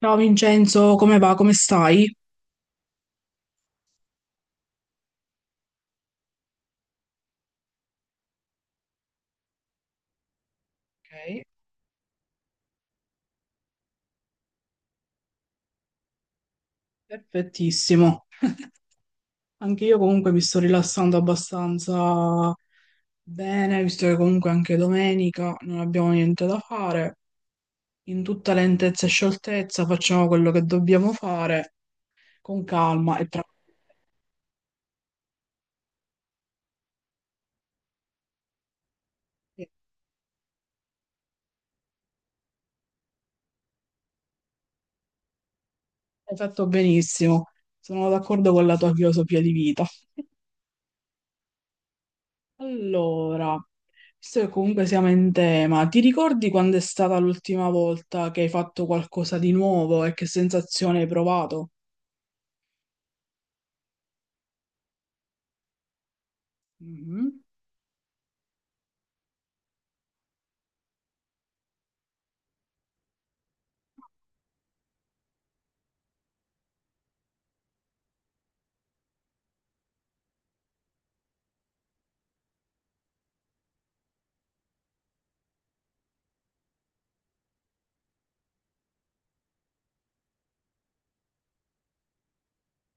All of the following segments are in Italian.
Ciao Vincenzo, come va? Come stai? Ok, perfettissimo. Anche io comunque mi sto rilassando abbastanza bene, visto che comunque anche domenica non abbiamo niente da fare. In tutta lentezza e scioltezza facciamo quello che dobbiamo fare con calma e tranquillità. Hai fatto benissimo. Sono d'accordo con la tua filosofia di vita. Allora, visto che comunque siamo in tema, ti ricordi quando è stata l'ultima volta che hai fatto qualcosa di nuovo e che sensazione hai provato? Mhm,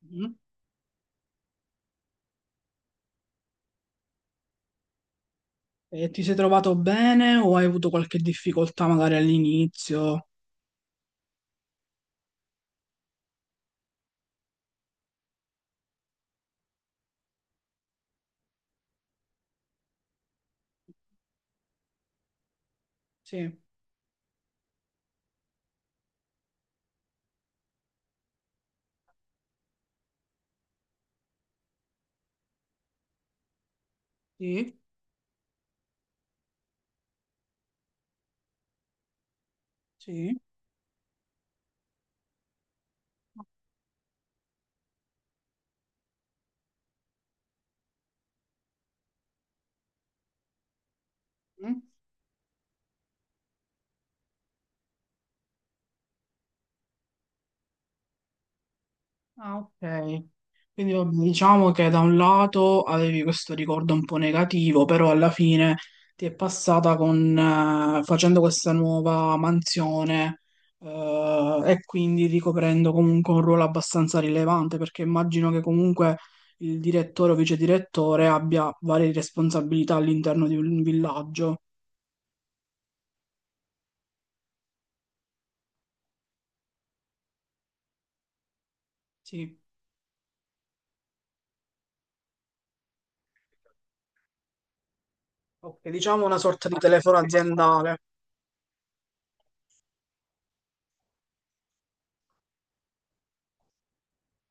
mhm. E ti sei trovato bene o hai avuto qualche difficoltà magari all'inizio? Sì, sì, sì. Ah, ok. Quindi vabbè, diciamo che da un lato avevi questo ricordo un po' negativo, però alla fine ti è passata con, facendo questa nuova mansione, e quindi ricoprendo comunque un ruolo abbastanza rilevante, perché immagino che comunque il direttore o vice direttore abbia varie responsabilità all'interno di un villaggio. Sì. Ok, diciamo una sorta di telefono aziendale.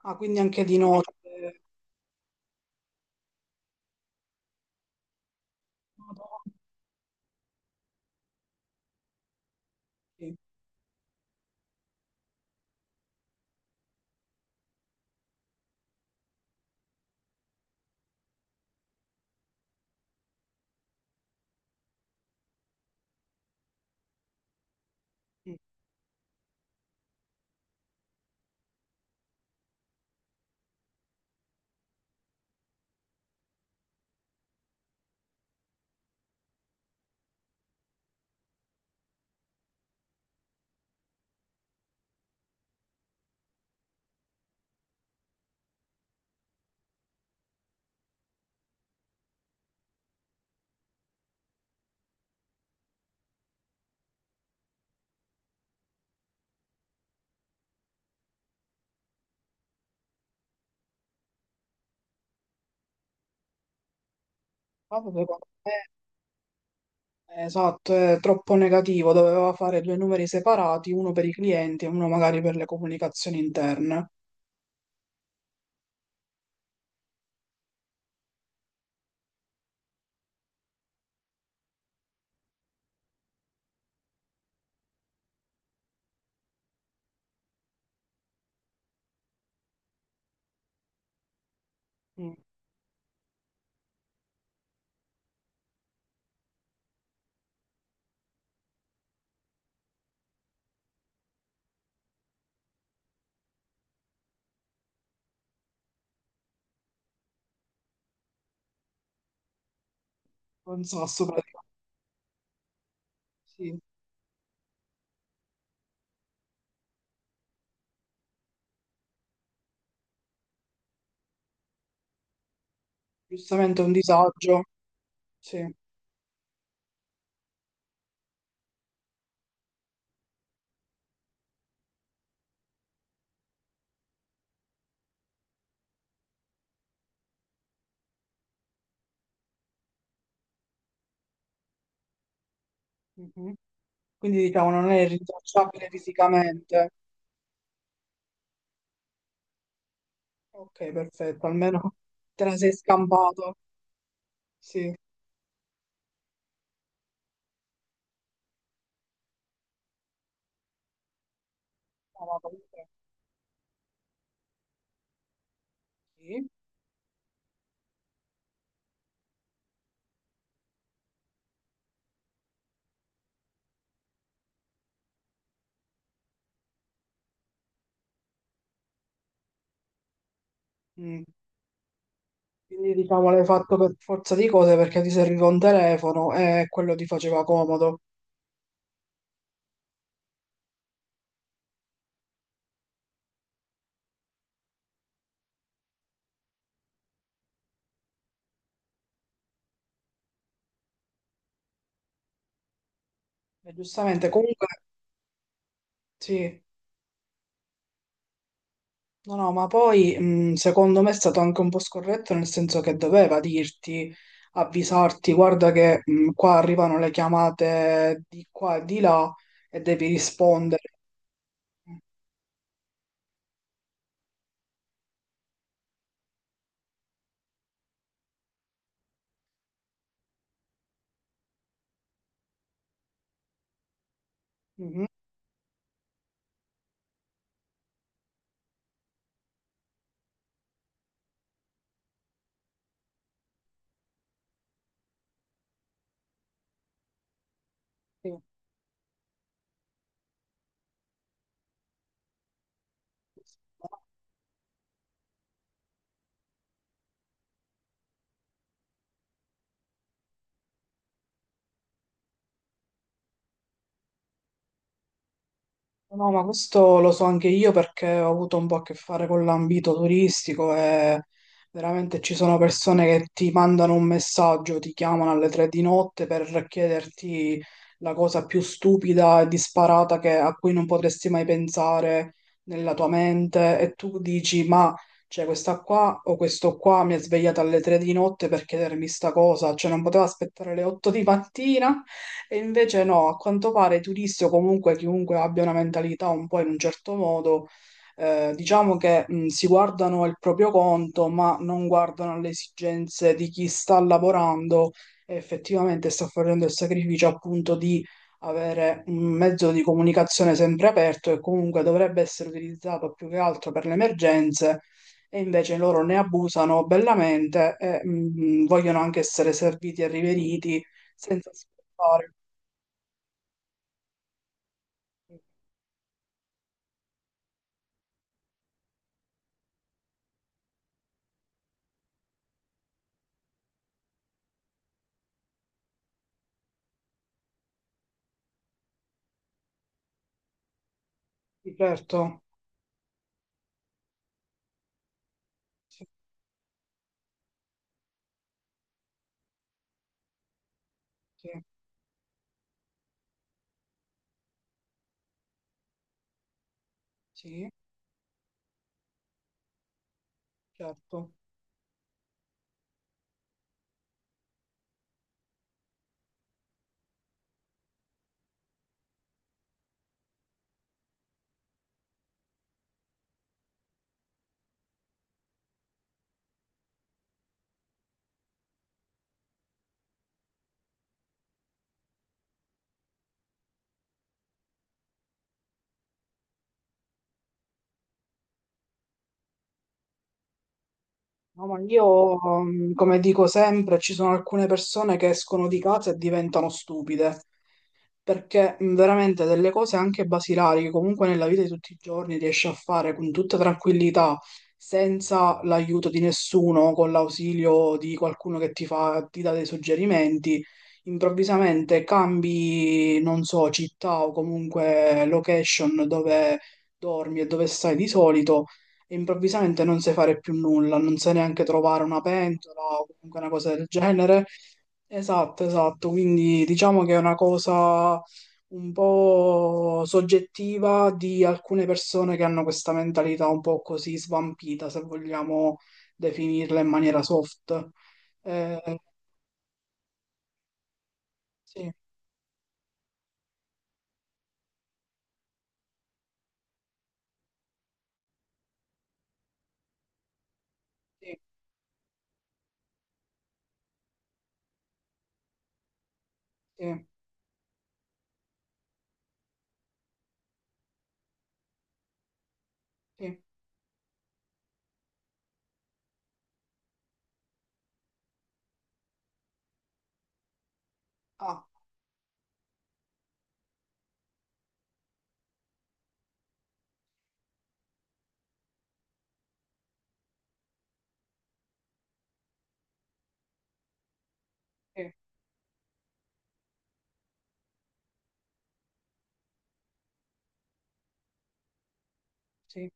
Ah, quindi anche di notte. Madonna, sì. Ma proprio secondo me, esatto, è troppo negativo, doveva fare due numeri separati, uno per i clienti e uno magari per le comunicazioni interne. Mm. Un sasso praticamente, sì. Giustamente un disagio, sì. Mhm. Quindi diciamo non è rintracciabile fisicamente. Ok, perfetto, almeno te la sei scampato, sì. No, ma comunque sì. Mm. Quindi diciamo l'hai fatto per forza di cose perché ti serviva un telefono e quello ti faceva comodo. E giustamente comunque... Sì, no, no, ma poi secondo me è stato anche un po' scorretto nel senso che doveva dirti, avvisarti, guarda che qua arrivano le chiamate di qua e di là e devi rispondere. Mhm. No, ma questo lo so anche io perché ho avuto un po' a che fare con l'ambito turistico e veramente ci sono persone che ti mandano un messaggio, ti chiamano alle tre di notte per chiederti la cosa più stupida e disparata a cui non potresti mai pensare nella tua mente e tu dici, ma cioè, questa qua o questo qua mi ha svegliato alle tre di notte per chiedermi sta cosa, cioè non poteva aspettare le otto di mattina e invece no, a quanto pare i turisti o comunque chiunque abbia una mentalità un po' in un certo modo, diciamo che si guardano il proprio conto, ma non guardano le esigenze di chi sta lavorando e effettivamente sta facendo il sacrificio appunto di avere un mezzo di comunicazione sempre aperto e comunque dovrebbe essere utilizzato più che altro per le emergenze e invece loro ne abusano bellamente e vogliono anche essere serviti e riveriti senza aspettare. Sì, certo, sì, sì, sì, certo. No, ma io, come dico sempre, ci sono alcune persone che escono di casa e diventano stupide. Perché veramente delle cose anche basilari che comunque nella vita di tutti i giorni riesce a fare con tutta tranquillità, senza l'aiuto di nessuno, con l'ausilio di qualcuno che ti fa, ti dà dei suggerimenti, improvvisamente cambi, non so, città o comunque location dove dormi e dove stai di solito e improvvisamente non sai fare più nulla, non sai neanche trovare una pentola o comunque una cosa del genere. Esatto, esatto, quindi diciamo che è una cosa un po' soggettiva di alcune persone che hanno questa mentalità un po' così svampita, se vogliamo definirla in maniera soft. Eh, sì, sì, sì, sì. Ah, sì, sì,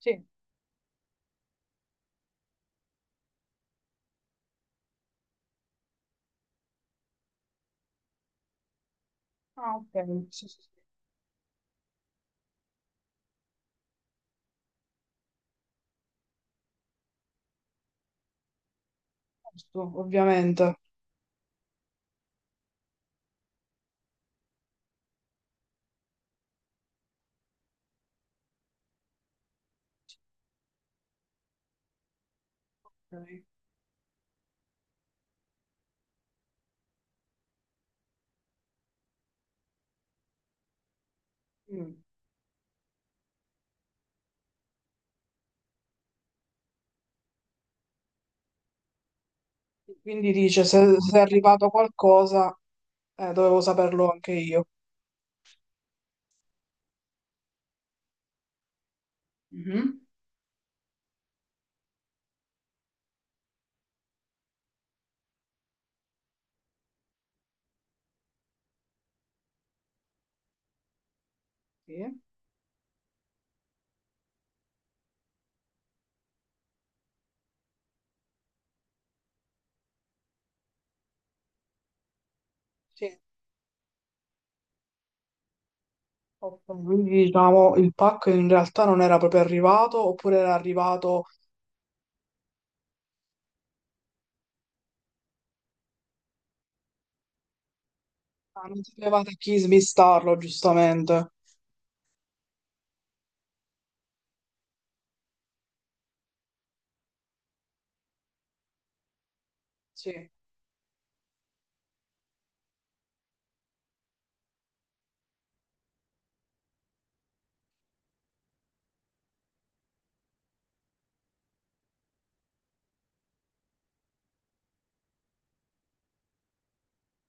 sì. Ah, ok, sì, sì, sì. Giusto, ovviamente. Ok. Mm. Quindi dice, se è arrivato qualcosa, dovevo saperlo anche io. Mhm, sì. Sì. Ok, quindi diciamo il pacco in realtà non era proprio arrivato, oppure era arrivato, ah, non sapevate chi smistarlo, giustamente. Sì.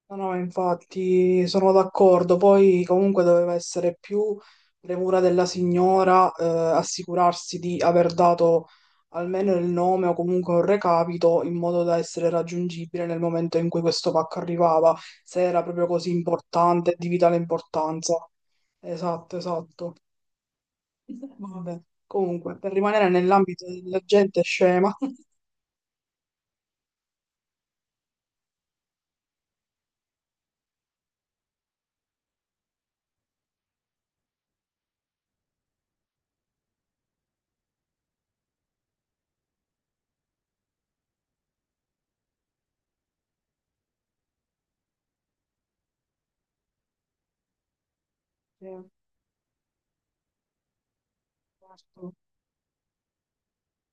No, no, infatti sono d'accordo. Poi comunque doveva essere più premura della signora assicurarsi di aver dato almeno il nome o comunque un recapito in modo da essere raggiungibile nel momento in cui questo pacco arrivava, se era proprio così importante, di vitale importanza. Esatto, esatto. Vabbè, comunque, per rimanere nell'ambito della gente scema. Sì, certo.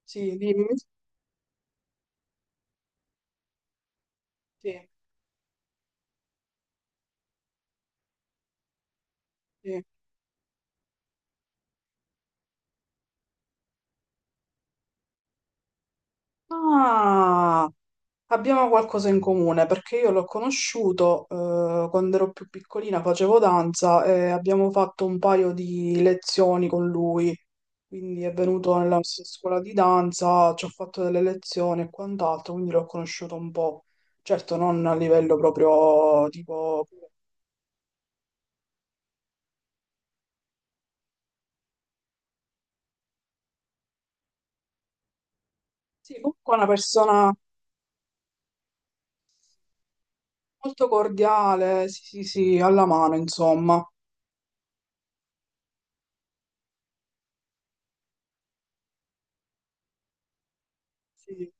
Sì, dimmi. Sì, sì. Ah! Abbiamo qualcosa in comune perché io l'ho conosciuto quando ero più piccolina, facevo danza e abbiamo fatto un paio di lezioni con lui. Quindi è venuto nella nostra scuola di danza, ci ho fatto delle lezioni e quant'altro, quindi l'ho conosciuto un po'. Certo, non a livello proprio tipo... Sì, comunque è una persona molto cordiale, sì, sì, sì, alla mano, insomma. Sì. Sì.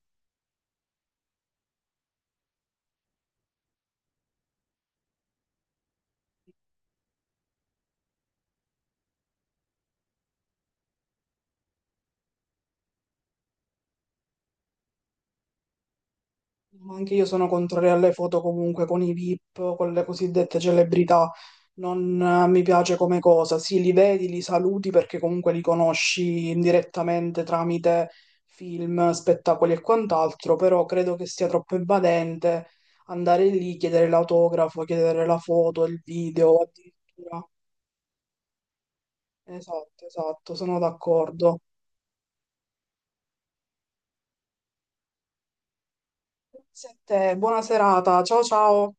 Ma anche io sono contraria alle foto comunque con i VIP, con le cosiddette celebrità. Non mi piace come cosa. Sì, li vedi, li saluti perché comunque li conosci indirettamente tramite film, spettacoli e quant'altro, però credo che sia troppo invadente andare lì, chiedere l'autografo, chiedere la foto, il video, addirittura. Esatto, esatto, sono d'accordo. Grazie a te, buona serata, ciao ciao.